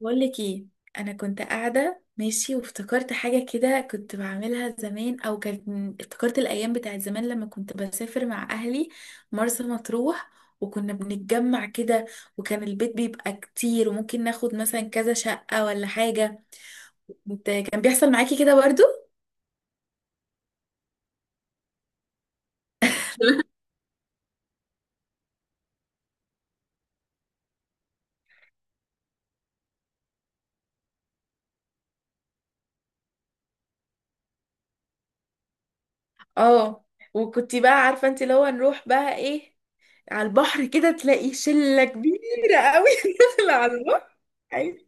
بقول لك ايه. انا كنت قاعده ماشي وافتكرت حاجه كده كنت بعملها زمان، او كانت افتكرت الايام بتاعت زمان لما كنت بسافر مع اهلي مرسى مطروح، وكنا بنتجمع كده، وكان البيت بيبقى كتير وممكن ناخد مثلا كذا شقه ولا حاجه. انت كان بيحصل معاكي كده برضو؟ اه. وكنت بقى عارفه انت اللي هو نروح بقى ايه، على البحر كده تلاقي شله كبيره قوي. داخله على البحر. أيوة.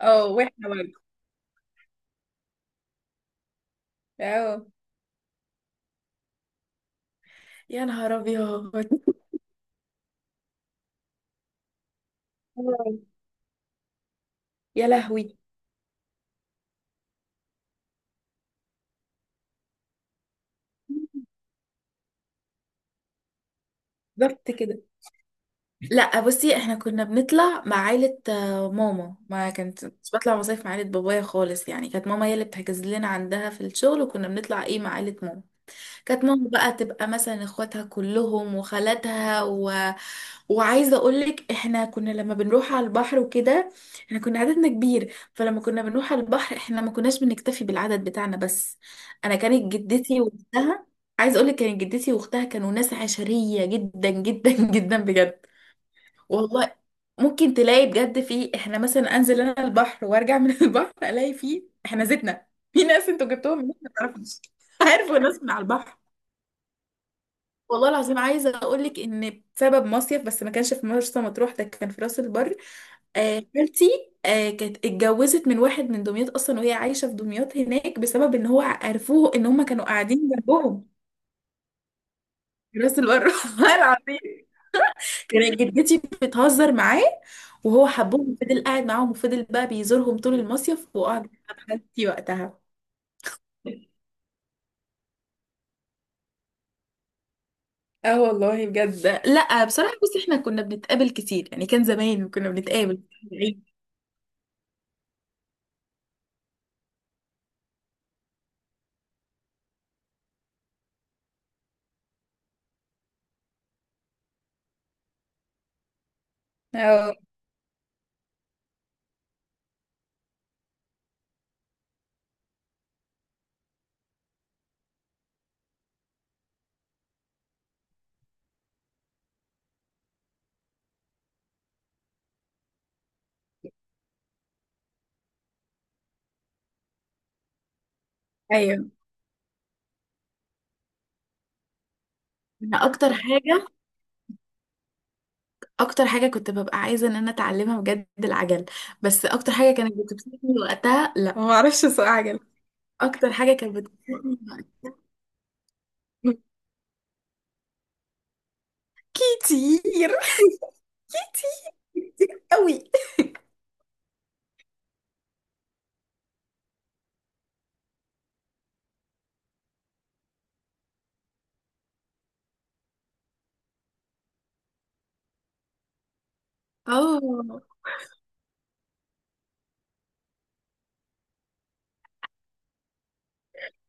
اه، واحنا برضه. اه، يا نهار ابيض، يا لهوي، ضبط كده. لا بصي، احنا كنا بنطلع مع عيلة، ماما ما كانت مش بطلع مصايف مع عيلة بابايا خالص، يعني كانت ماما هي اللي بتحجز لنا عندها في الشغل، وكنا بنطلع ايه مع عيلة ماما. كانت ماما بقى تبقى مثلا اخواتها كلهم وخالاتها و... وعايزه اقولك احنا كنا لما بنروح على البحر وكده، احنا كنا عددنا كبير، فلما كنا بنروح على البحر احنا ما كناش بنكتفي بالعدد بتاعنا بس. انا كانت جدتي واختها، عايزه اقولك كانت جدتي واختها كانوا ناس عشريه جدا جدا، جدا بجد. والله ممكن تلاقي بجد فيه، احنا مثلا انزل انا البحر وارجع من البحر الاقي فيه احنا زيتنا في ناس انتوا جبتوهم من ما تعرفوش، عارفوا ناس من على البحر. والله العظيم عايزه اقول لك ان بسبب مصيف، بس ما كانش في مرسى مطروح، ده كان في راس البر. خالتي كانت اتجوزت من واحد من دمياط اصلا، وهي عايشه في دمياط هناك بسبب ان هو عرفوه ان هم كانوا قاعدين جنبهم في راس البر. والله العظيم كانت جدتي بتهزر معاه، وهو حبهم وفضل قاعد معاهم، وفضل بقى بيزورهم طول المصيف، وقعد مع خالتي وقتها. اه والله بجد، لا بصراحه بس احنا كنا بنتقابل كتير، يعني كان زمان كنا بنتقابل. اه، ايوه. انا اكتر حاجه كنت ببقى عايزه ان انا اتعلمها بجد، العجل. بس اكتر حاجه كانت بتبسطني وقتها، لا ما اعرفش اسوق عجل. اكتر حاجه كانت بتبسطني وقتها. كتير، كتير كتير قوي. اه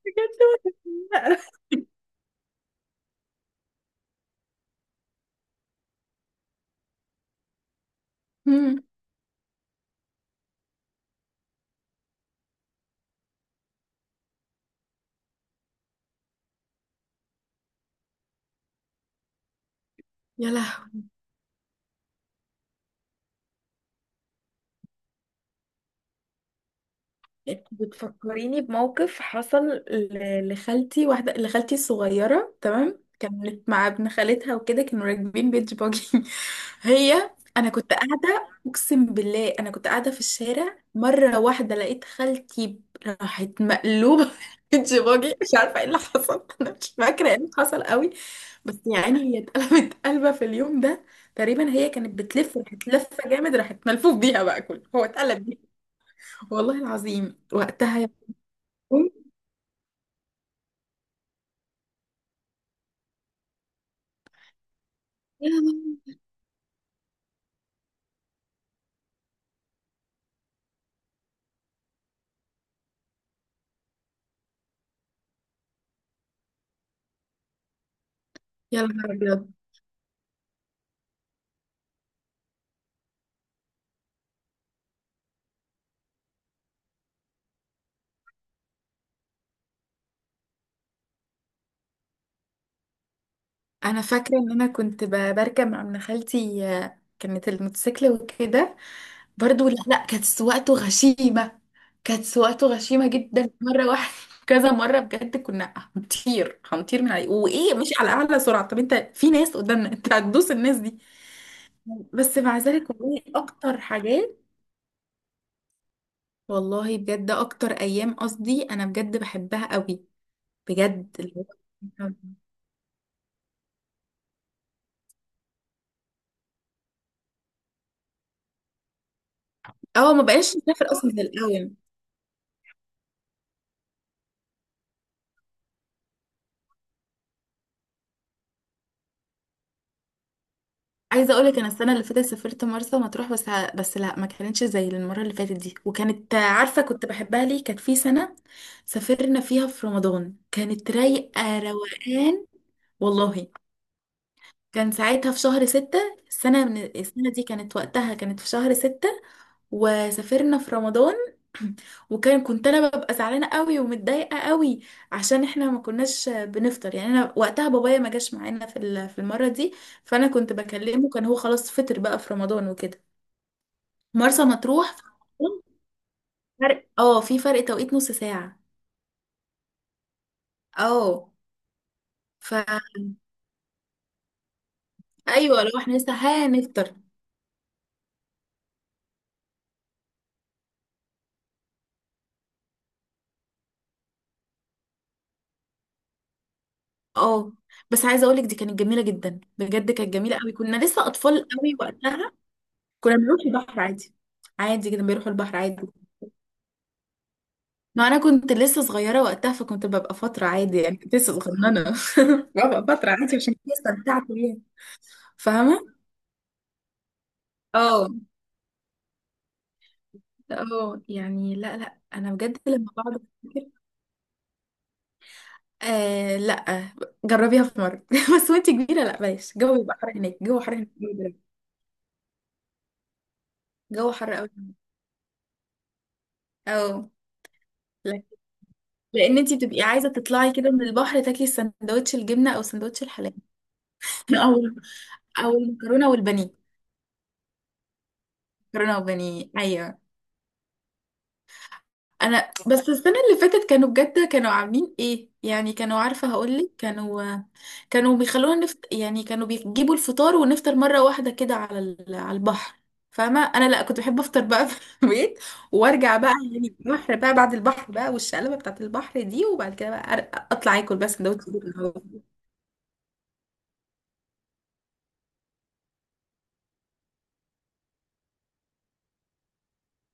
بجد. وأنا صغيرة. يلا. انت بتفكريني بموقف حصل لخالتي، واحدة لخالتي الصغيرة تمام، كانت مع ابن خالتها وكده، كانوا راكبين بيتش باجي. هي، انا كنت قاعدة، اقسم بالله انا كنت قاعدة في الشارع مرة واحدة، لقيت خالتي راحت مقلوبة بيتش باجي، مش عارفة ايه اللي حصل، انا مش فاكرة ايه اللي حصل قوي، بس يعني هي اتقلبت قلبة في اليوم ده. تقريبا هي كانت بتلف، راحت لفة جامد، راحت ملفوف بيها بقى كله هو اتقلب. والله العظيم وقتها، يا بوم، يا لهوي، يا نهار أبيض. أنا فاكرة إن أنا كنت بركب مع ابن خالتي، كانت الموتوسيكل وكده. برضو لا لا، كانت سواقته غشيمة. كانت سواقته غشيمة جدا. مرة واحدة، كذا مرة بجد، كنا هنطير هنطير من عليه، وإيه مش على أعلى سرعة، طب أنت في ناس قدامنا، أنت هتدوس الناس دي. بس مع ذلك، والله أكتر حاجات، والله بجد أكتر أيام، قصدي أنا بجد بحبها قوي. بجد اللي هو، اه ما بقاش نسافر اصلا زي الاول. عايزه اقول لك انا السنه اللي فاتت سافرت مرسى مطروح بس، بس لا ما كانتش زي المره اللي فاتت دي، وكانت عارفه كنت بحبها ليه، كانت في سنه سافرنا فيها في رمضان، كانت رايقه روقان. والله كان ساعتها في شهر 6، السنة من السنة دي كانت وقتها كانت في شهر 6، وسافرنا في رمضان. وكان كنت انا ببقى زعلانه قوي ومتضايقه قوي، عشان احنا ما كناش بنفطر، يعني انا وقتها بابايا ما جاش معانا في المره دي. فانا كنت بكلمه، كان هو خلاص فطر بقى في رمضان وكده. مرسى مطروح في رمضان فرق، في فرق توقيت نص ساعه. اه، فا، ايوه لو احنا لسه هنفطر. اه، بس عايزه اقولك دي كانت جميله جدا، بجد كانت جميله قوي، كنا لسه اطفال قوي وقتها. كنا بنروح البحر عادي، عادي كنا بنروح البحر عادي. ما انا كنت لسه صغيره وقتها، فكنت ببقى فتره عادي، يعني كنت لسه صغننه، ببقى فتره عادي عشان كده استمتعت بيها. فاهمه، اه. اه، يعني لا لا انا بجد لما بقعد افتكر. آه لا. جربيها في مره، بس وانت كبيره لا بلاش، الجو بيبقى حر هناك، الجو حر هناك. الجو حر قوي. اه. لان انتي بتبقي عايزه تطلعي كده من البحر تاكلي سندوتش الجبنه او سندوتش الحلاوه، او او المكرونه والبانيه. مكرونه وبانيه، ايوه. انا بس السنه اللي فاتت كانوا بجد كانوا عاملين ايه، يعني كانوا، عارفه هقول لك، كانوا كانوا بيخلونا نفت، يعني كانوا بيجيبوا الفطار، ونفطر مره واحده كده على على البحر. فاهمه انا لا كنت بحب افطر بقى في البيت، وارجع بقى، يعني البحر بقى، بعد البحر بقى والشقلبه بتاعت البحر دي وبعد كده بقى اطلع اكل بس سندوتش جبنه.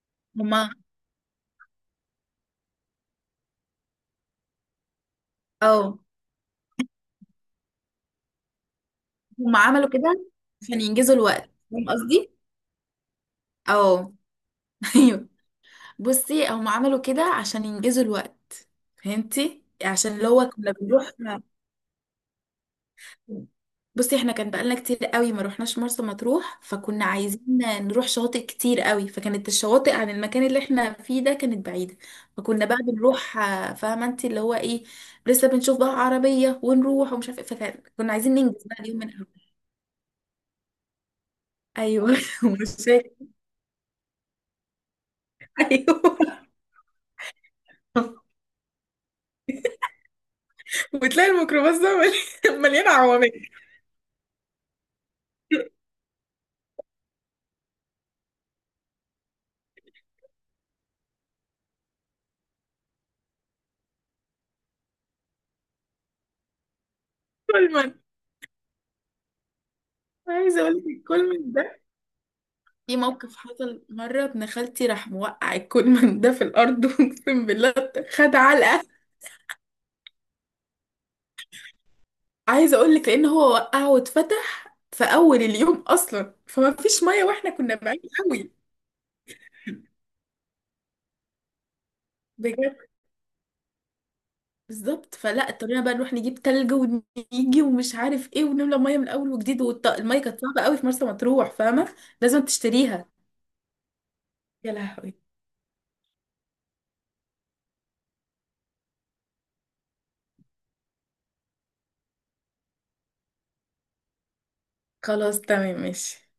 هما، اه هم عملوا كده عشان ينجزوا الوقت، فاهم قصدي؟ اه، ايوه. بصي هم عملوا كده عشان ينجزوا الوقت، فهمتي؟ عشان اللي هو كنا بنروح. بصي، احنا كان بقالنا كتير قوي ما روحناش مرسى مطروح، فكنا عايزين نروح شواطئ كتير قوي، فكانت الشواطئ عن المكان اللي احنا فيه ده كانت بعيدة. فكنا بقى بنروح، فاهمة انت اللي هو ايه، لسه بنشوف بقى عربية ونروح ومش عارفة ايه، فكنا عايزين ننجز بقى اليوم من قبل. ايوه، مش فاكرة. ايوه. وتلاقي الميكروباص ده مليان عوامل. كولمان. عايزه اقول لك الكولمان ده، في موقف حصل مره ابن خالتي راح موقع الكولمان ده في الارض، اقسم بالله. خد علقه. عايزه اقول لك لان هو وقعه واتفتح في اول اليوم اصلا، فما فيش ميه واحنا كنا بعيد قوي. بجد. بالظبط، فلا اضطرينا بقى نروح نجيب تلج ونيجي ومش عارف ايه ونملى ميه من اول وجديد، والميه كانت صعبه قوي في مرسى مطروح، فاهمه، لازم تشتريها. يا لهوي. خلاص تمام، ماشي.